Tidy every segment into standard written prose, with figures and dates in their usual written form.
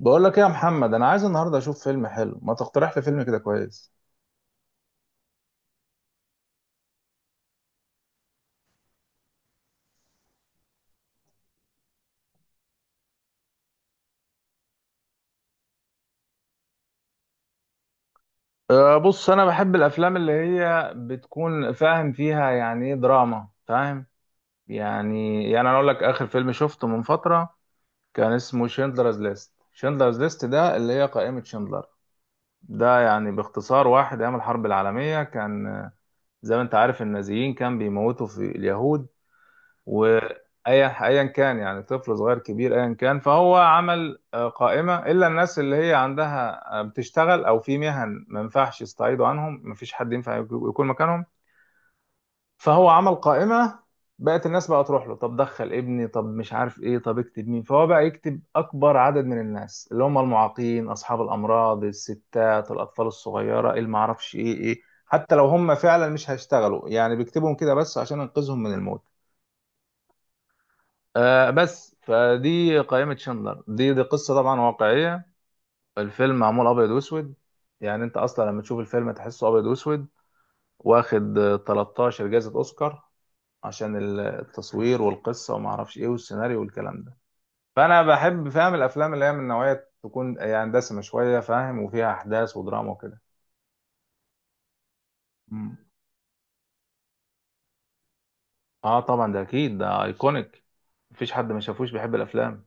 بقول لك ايه يا محمد، انا عايز النهارده اشوف فيلم حلو، ما تقترح لي فيلم كده كويس؟ أه، بص، انا بحب الافلام اللي هي بتكون فاهم فيها يعني ايه دراما، فاهم؟ يعني انا اقول لك اخر فيلم شفته من فتره كان اسمه شندلرز ليست. شندلرز ليست ده اللي هي قائمه شندلر. ده يعني باختصار واحد ايام الحرب العالميه كان زي ما انت عارف، النازيين كان بيموتوا في اليهود، وايا كان يعني طفل صغير كبير ايا كان، فهو عمل قائمه الا الناس اللي هي عندها بتشتغل او في مهن ما ينفعش يستعيضوا عنهم، ما فيش حد ينفع يكون مكانهم. فهو عمل قائمه. بقت الناس بقى تروح له، طب دخل ابني، طب مش عارف ايه، طب اكتب مين، فهو بقى يكتب اكبر عدد من الناس اللي هم المعاقين، اصحاب الامراض، الستات، الاطفال الصغيره، اللي ما اعرفش ايه ايه، حتى لو هم فعلا مش هيشتغلوا يعني بيكتبهم كده بس عشان ينقذهم من الموت. آه، بس فدي قائمة شندلر دي. دي قصة طبعا واقعية. الفيلم معمول أبيض وأسود. يعني أنت أصلا لما تشوف الفيلم تحسه أبيض وأسود. واخد 13 جائزة أوسكار، عشان التصوير والقصة وما أعرفش إيه والسيناريو والكلام ده. فأنا بحب، فاهم، الأفلام اللي هي من نوعية تكون يعني دسمة شوية، فاهم، وفيها أحداث ودراما وكده. مم. آه، طبعا ده أكيد، ده أيكونيك. مفيش حد ما شافوش بيحب الأفلام.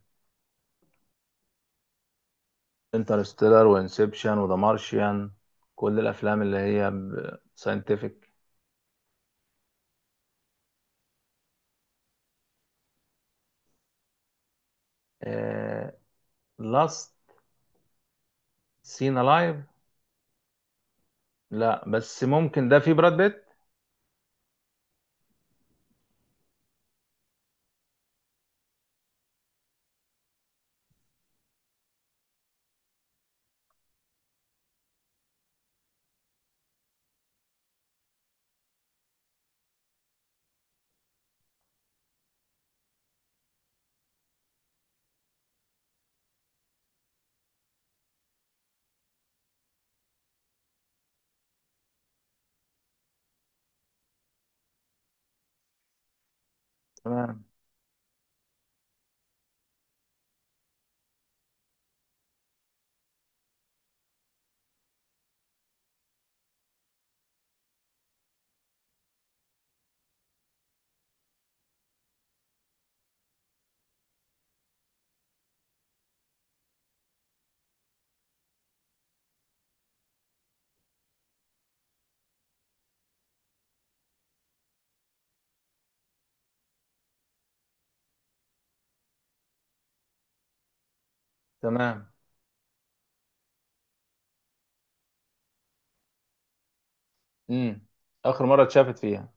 انترستيلر وانسبشن وذا مارشيان، كل الافلام اللي هي ساينتفك. لاست سين الايف. لا، بس ممكن ده في براد بيت؟ تمام. تمام. امم. اخر مره اتشافت فيها.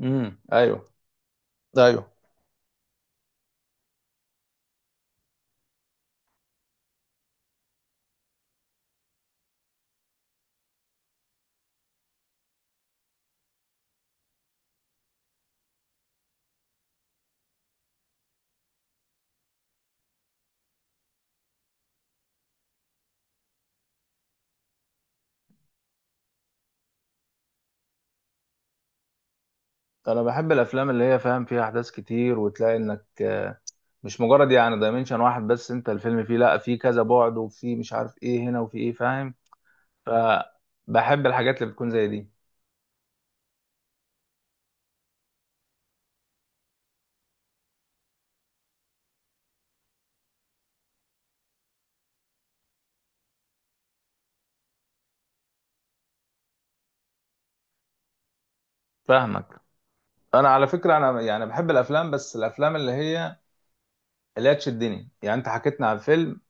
امم، ايوه. ايوه. انا بحب الافلام اللي هي، فاهم، فيها احداث كتير، وتلاقي انك مش مجرد يعني دايمنشن واحد، بس انت الفيلم فيه لا، في كذا بعد وفي مش عارف ايه هنا وفي ايه، فاهم؟ فبحب الحاجات اللي بتكون زي دي. فاهمك. انا على فكره، انا يعني بحب الافلام، بس الافلام اللي هي تشدني. يعني انت حكيتنا عن فيلم،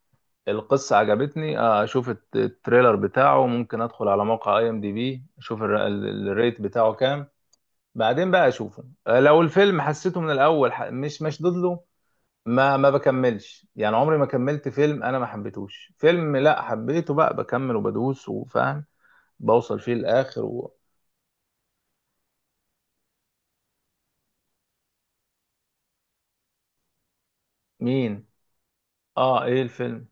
القصه عجبتني، اشوف التريلر بتاعه. ممكن ادخل على موقع IMDb اشوف الريت بتاعه كام. بعدين بقى اشوفه. لو الفيلم حسيته من الاول مش مشدود له، ما بكملش. يعني عمري ما كملت فيلم انا ما حبيتهوش. فيلم لا حبيته بقى بكمل وبدوس، وفاهم، بوصل فيه للاخر. ومين؟ اه، ايه الفيلم؟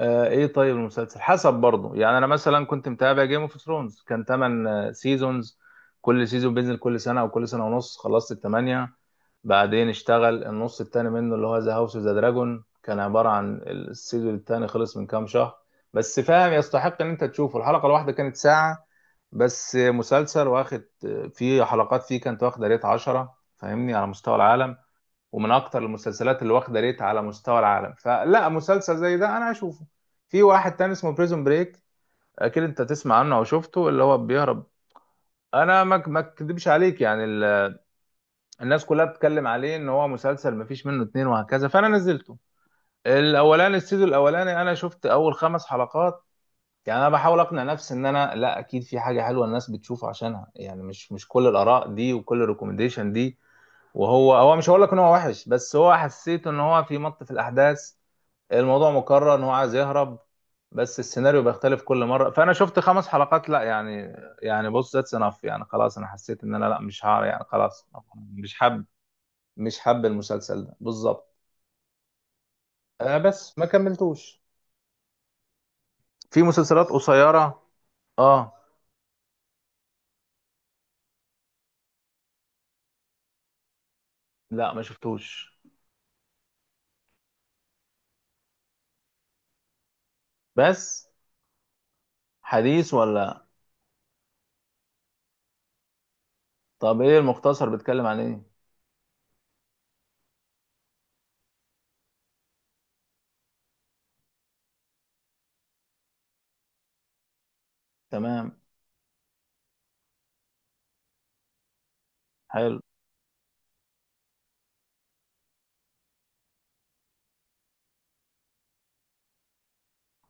آه، ايه، طيب المسلسل حسب برضه. يعني انا مثلا كنت متابع جيم اوف ثرونز، كان 8 سيزونز. كل سيزون بينزل كل سنه او كل سنه ونص. خلصت الثمانيه. بعدين اشتغل النص التاني منه، اللي هو ذا هاوس اوف ذا دراجون، كان عباره عن السيزون التاني. خلص من كام شهر. بس، فاهم، يستحق ان انت تشوفه. الحلقه الواحده كانت ساعه. بس مسلسل واخد في حلقات فيه كانت واخده ريت 10، فاهمني، على مستوى العالم. ومن اكتر المسلسلات اللي واخده ريت على مستوى العالم، فلا مسلسل زي ده انا هشوفه. في واحد تاني اسمه بريزون بريك، اكيد انت تسمع عنه او شفته، اللي هو بيهرب. انا ما اكدبش عليك، يعني الناس كلها بتتكلم عليه ان هو مسلسل ما فيش منه اتنين وهكذا. فانا نزلته. السيزون الاولاني انا شفت اول خمس حلقات. يعني انا بحاول اقنع نفسي ان انا لا، اكيد في حاجه حلوه الناس بتشوفه عشانها، يعني مش كل الاراء دي وكل الريكومنديشن دي. وهو مش هقول لك ان هو وحش، بس هو حسيت ان هو في الاحداث، الموضوع مكرر، ان هو عايز يهرب. بس السيناريو بيختلف كل مره. فانا شفت خمس حلقات لا، يعني، يعني، بص، ذاتس انف. يعني خلاص، انا حسيت ان انا لا، مش هعرف، يعني خلاص. مش حاب. مش حاب المسلسل ده بالظبط. آه، بس ما كملتوش. في مسلسلات قصيره. اه. لا، ما شفتوش. بس حديث ولا؟ طب ايه المختصر؟ بيتكلم عن ايه؟ تمام. حلو.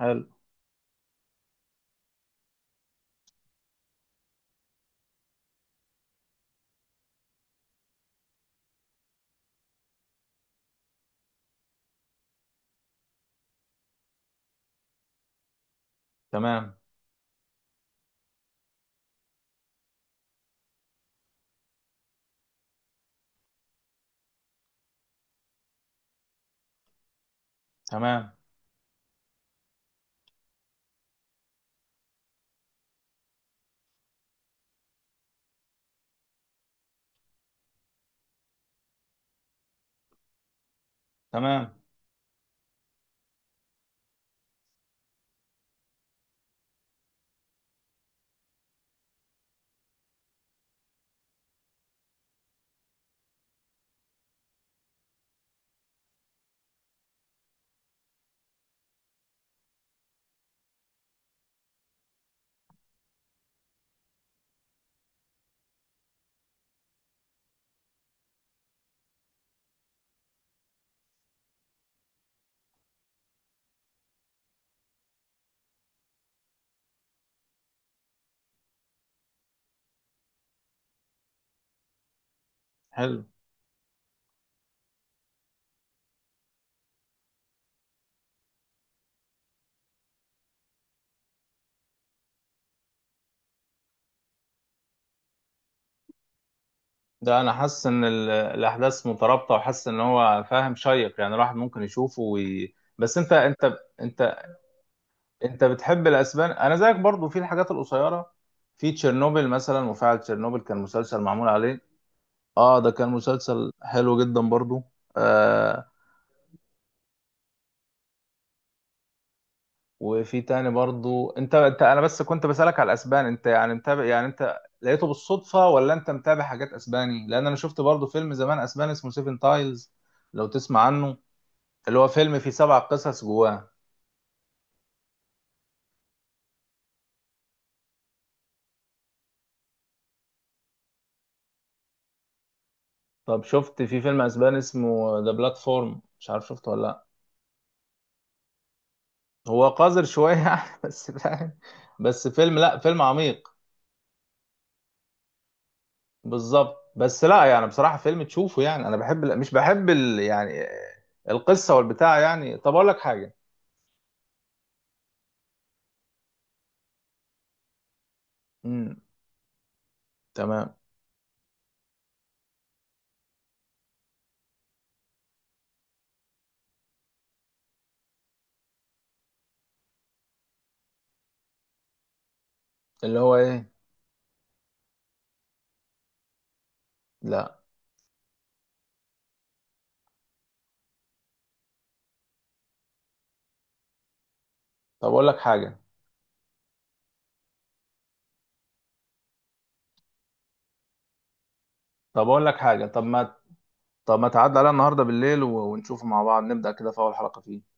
حلو. تمام. تمام. تمام. حلو. ده انا حاسس ان الاحداث مترابطه، وحاسس ان هو فاهم، شيق يعني، الواحد ممكن يشوفه، بس انت بتحب الاسبان؟ انا زيك برضو في الحاجات القصيره. في تشيرنوبل مثلا، مفاعل تشيرنوبل كان مسلسل معمول عليه. اه، ده كان مسلسل حلو جدا برضو. آه. وفي تاني برضو. انت انا بس كنت بسالك على الاسبان، انت يعني متابع، يعني انت لقيته بالصدفه ولا انت متابع حاجات اسباني؟ لان انا شفت برضو فيلم زمان اسباني اسمه سيفن تايلز، لو تسمع عنه، اللي هو فيلم فيه سبع قصص جواه. طب شفت في فيلم اسباني اسمه ذا بلاتفورم؟ مش عارف شفته ولا لا؟ هو قذر شويه يعني، بس فاهم، بس فيلم، لا فيلم عميق. بالظبط، بس لا يعني بصراحه فيلم تشوفه. يعني انا بحب، مش بحب يعني القصه والبتاع يعني. طب اقول لك حاجه؟ امم. تمام. اللي هو ايه؟ لا. طب اقول لك حاجه، طب اقول لك حاجه، طب ما تعدي علينا النهارده بالليل، ونشوفه مع بعض، نبدا كده في اول حلقه فيه.